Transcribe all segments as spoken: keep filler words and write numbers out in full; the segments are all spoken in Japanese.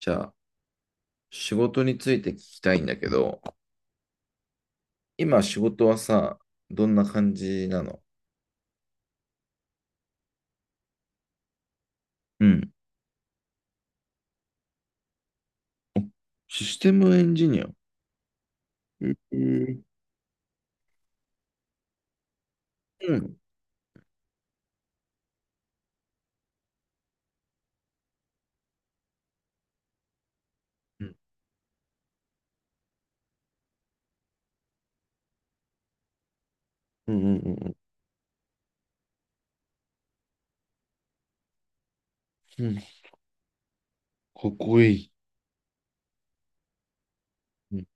じゃあ、仕事について聞きたいんだけど、今仕事はさ、どんな感じなの？うん。システムエンジニア。えー、うん。うんうんうん。うんうんうん。かっこいい。うん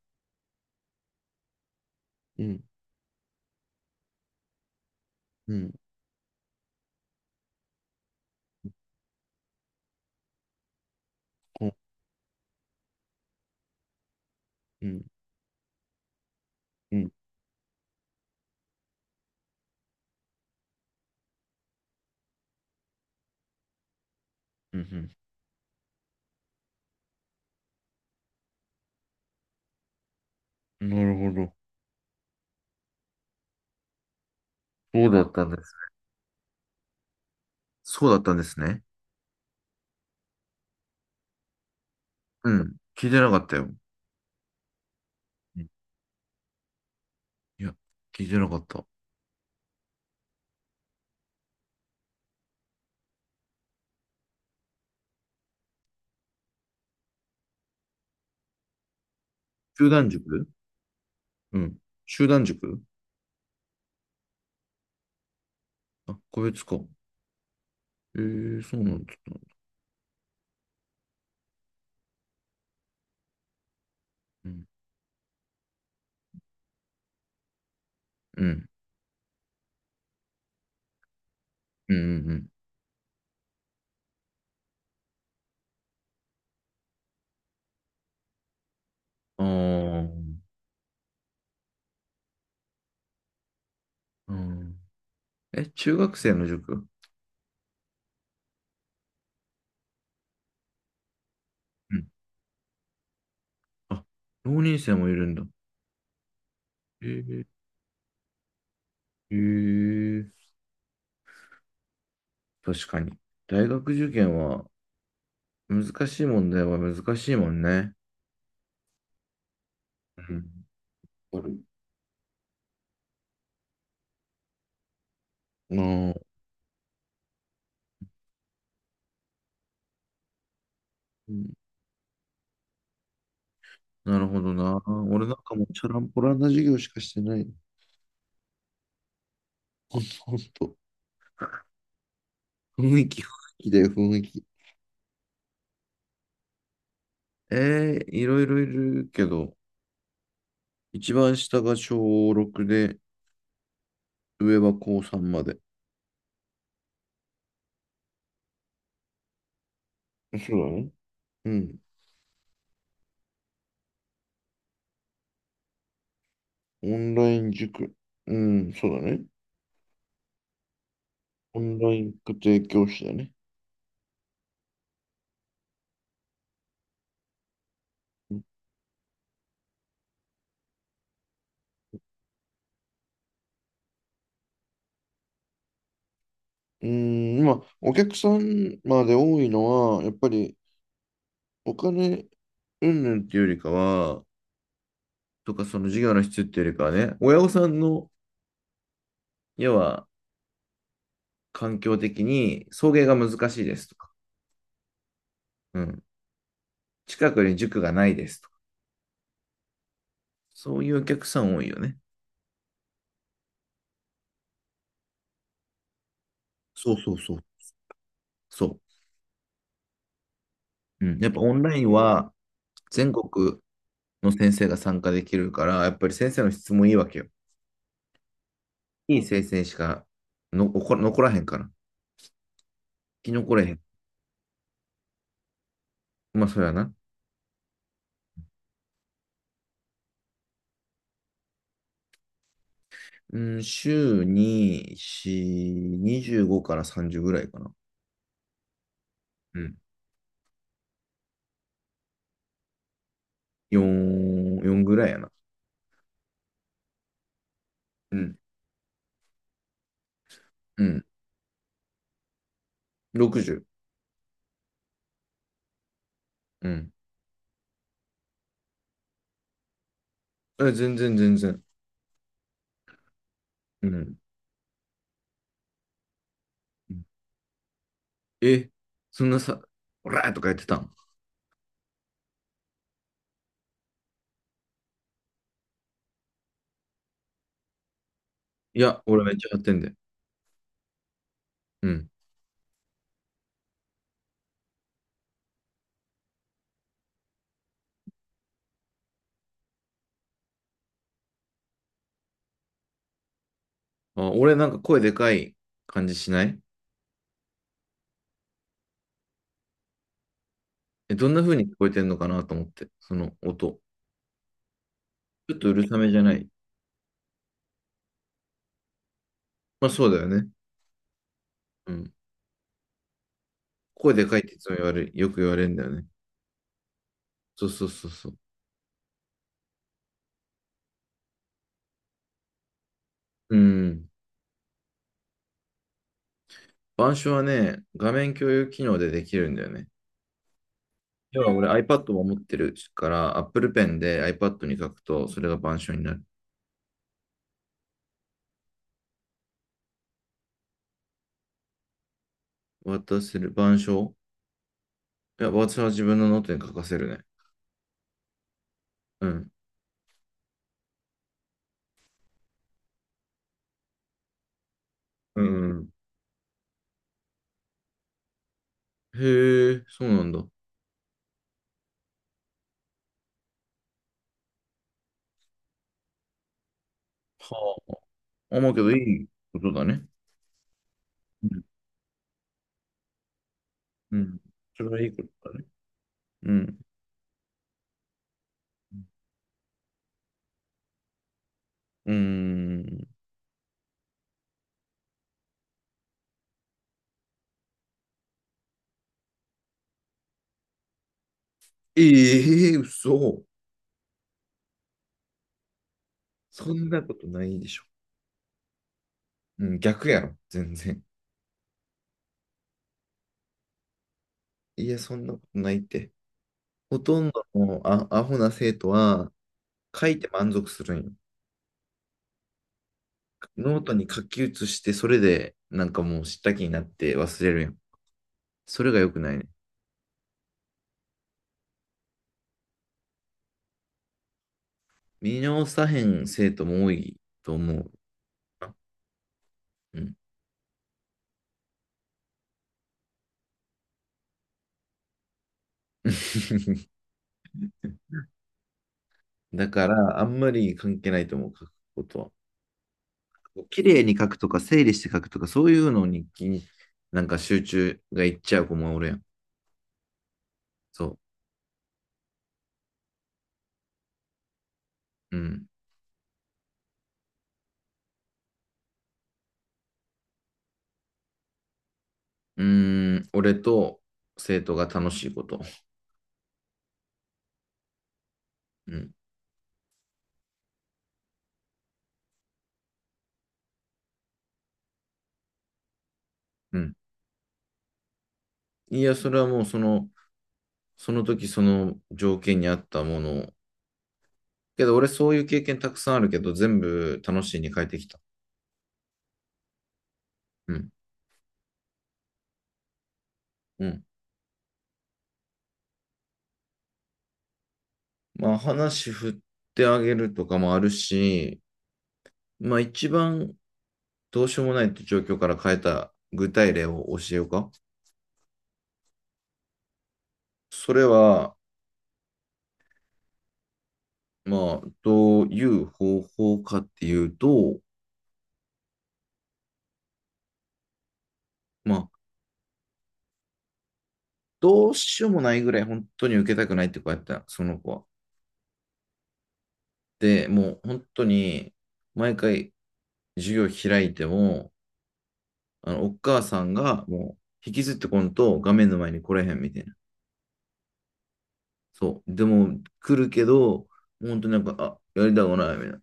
うん。うんうんうんうん。うんうん。なるほど。そうだったんです。そうだったんですね。うん。聞いてなかったよ。うん。いや、聞いてなかった。集団塾。うん。集団塾。あ、個別か。えー、そうなんだ。うんうん。うんうん。あー。うん。え、中学生の塾？うん。あ、浪人生もいるんだ。えー、えー、確かに。大学受験は難しい問題は難しいもんね。うん。わかる。ああ、うん。なるほどな。俺なんかもうチャランポランな授業しかしてない。ほんと、ほんと。雰囲気、雰囲気だよ、雰囲気。ええ、いろいろいるけど、一番下が小ろくで、上は高さんまで。そうなの？うん。オンライン塾。うん、そうだね。オンライン家庭教師だね。うん、まあ、お客さんまで多いのは、やっぱりお金云々っていうよりかは、とかその事業の質っていうよりかはね、親御さんの、要は環境的に送迎が難しいですとか、うん、近くに塾がないですとか、そういうお客さん多いよね。そうそうそう。そう。うん、やっぱオンラインは全国の先生が参加できるから、やっぱり先生の質もいいわけよ。いい生成しかの残残らへんから。生き残れへん。まあ、それはな。うん、週に、よん、にじゅうごからさんじゅうぐらいかな。うん。よん、よんぐらいやな。うん。うん。ろくじゅう。うん。え、全然全然。うん。え、そんなさ、オラーとか言ってたん？いや、俺めっちゃやってんで。うん。あ、俺なんか声でかい感じしない？え、どんな風に聞こえてんのかなと思って、その音。ちょっとうるさめじゃない？まあそうだよね。うん。声でかいっていつも言われ、よく言われるんだよね。そうそうそうそう。うん。板書はね、画面共有機能でできるんだよね。要は俺 iPad も持ってるから、Apple Pen で iPad に書くと、それが板書になる。渡せる板書？いや、私は自分のノートに書かせるね。うん。うんうん。へえ、そうなんだ。はあ。思うけどいいことだね。うん。うん。それはいいことだね。うん。うーん。ええ、嘘。そんなことないでしょ。うん、逆やろ、全然。いや、そんなことないって。ほとんどのあアホな生徒は書いて満足するんよ。ノートに書き写して、それでなんかもう知った気になって忘れるやんよ。それが良くないね。見直さへん生徒も多いと思うな。うん。だから、あんまり関係ないと思う、書くことは。綺麗に書くとか、整理して書くとか、そういうのに気に、なんか集中がいっちゃう子もおるやん。そう。うん。うーん、俺と生徒が楽しいこと。うん。うん。いや、それはもうその、その時その条件に合ったものを。けど俺そういう経験たくさんあるけど、全部楽しいに変えてきた。うん。うん。まあ話振ってあげるとかもあるし、まあ一番どうしようもないって状況から変えた具体例を教えようか。それは、まあ、どういう方法かっていうと、まあ、どうしようもないぐらい本当に受けたくないって子やった、その子は。で、もう本当に毎回授業開いても、あの、お母さんがもう引きずってこんと画面の前に来れへんみたいな。そう。でも来るけど、本当になんか、あ、やりたくないみたいな。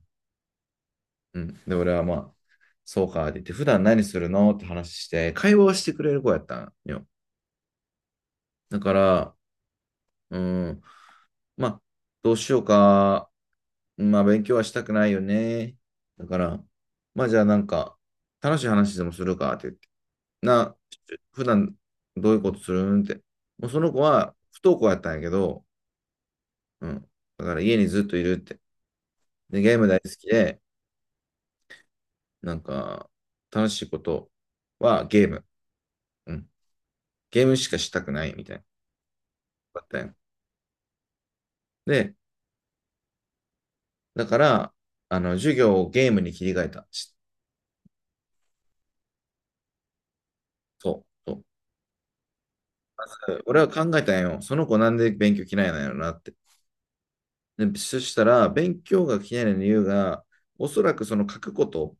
うん。で、俺はまあ、そうかって言って、普段何するのって話して、会話をしてくれる子やったんよ。だから、うん、まあ、どうしようか。まあ、勉強はしたくないよね。だから、まあ、じゃあなんか、楽しい話でもするかって言って。な、普段どういうことするんって。もうその子は不登校やったんやけど、うん。だから家にずっといるって。で、ゲーム大好きで、なんか、楽しいことはゲーム。うん。ゲームしかしたくないみたいな。だったんや。で、だから、あの、授業をゲームに切り替えた。しそう。そう。俺は考えたんよ。その子なんで勉強嫌いなんやろなって。で、そしたら、勉強が嫌いな理由が、おそらくその書くこと、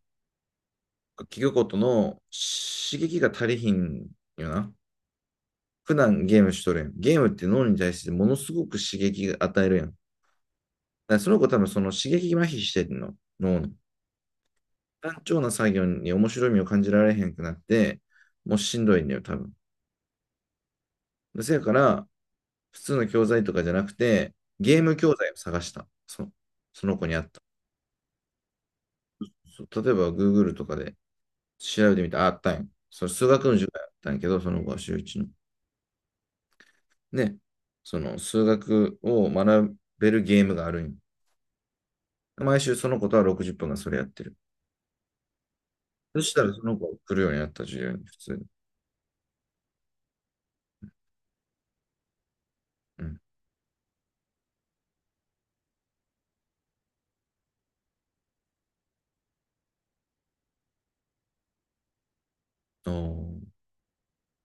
聞くことの刺激が足りひんよな。普段ゲームしとるやん。ゲームって脳に対してものすごく刺激が与えるやん。だからその子多分その刺激麻痺してんの、脳の。単調な作業に面白みを感じられへんくなって、もうしんどいんだよ、多分。せやから、普通の教材とかじゃなくて、ゲーム教材を探した。そ、その子にあった。例えば、Google とかで調べてみたらあったんよ。その数学の授業やったんやけど、そのご週いちの。で、その数学を学べるゲームがあるんよ。毎週その子とはろくじゅっぷんがそれやってる。そしたらその子が来るようになった授業に、普通に。うん。ああ、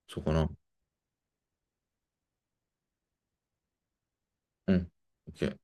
そうかな。うん。OK。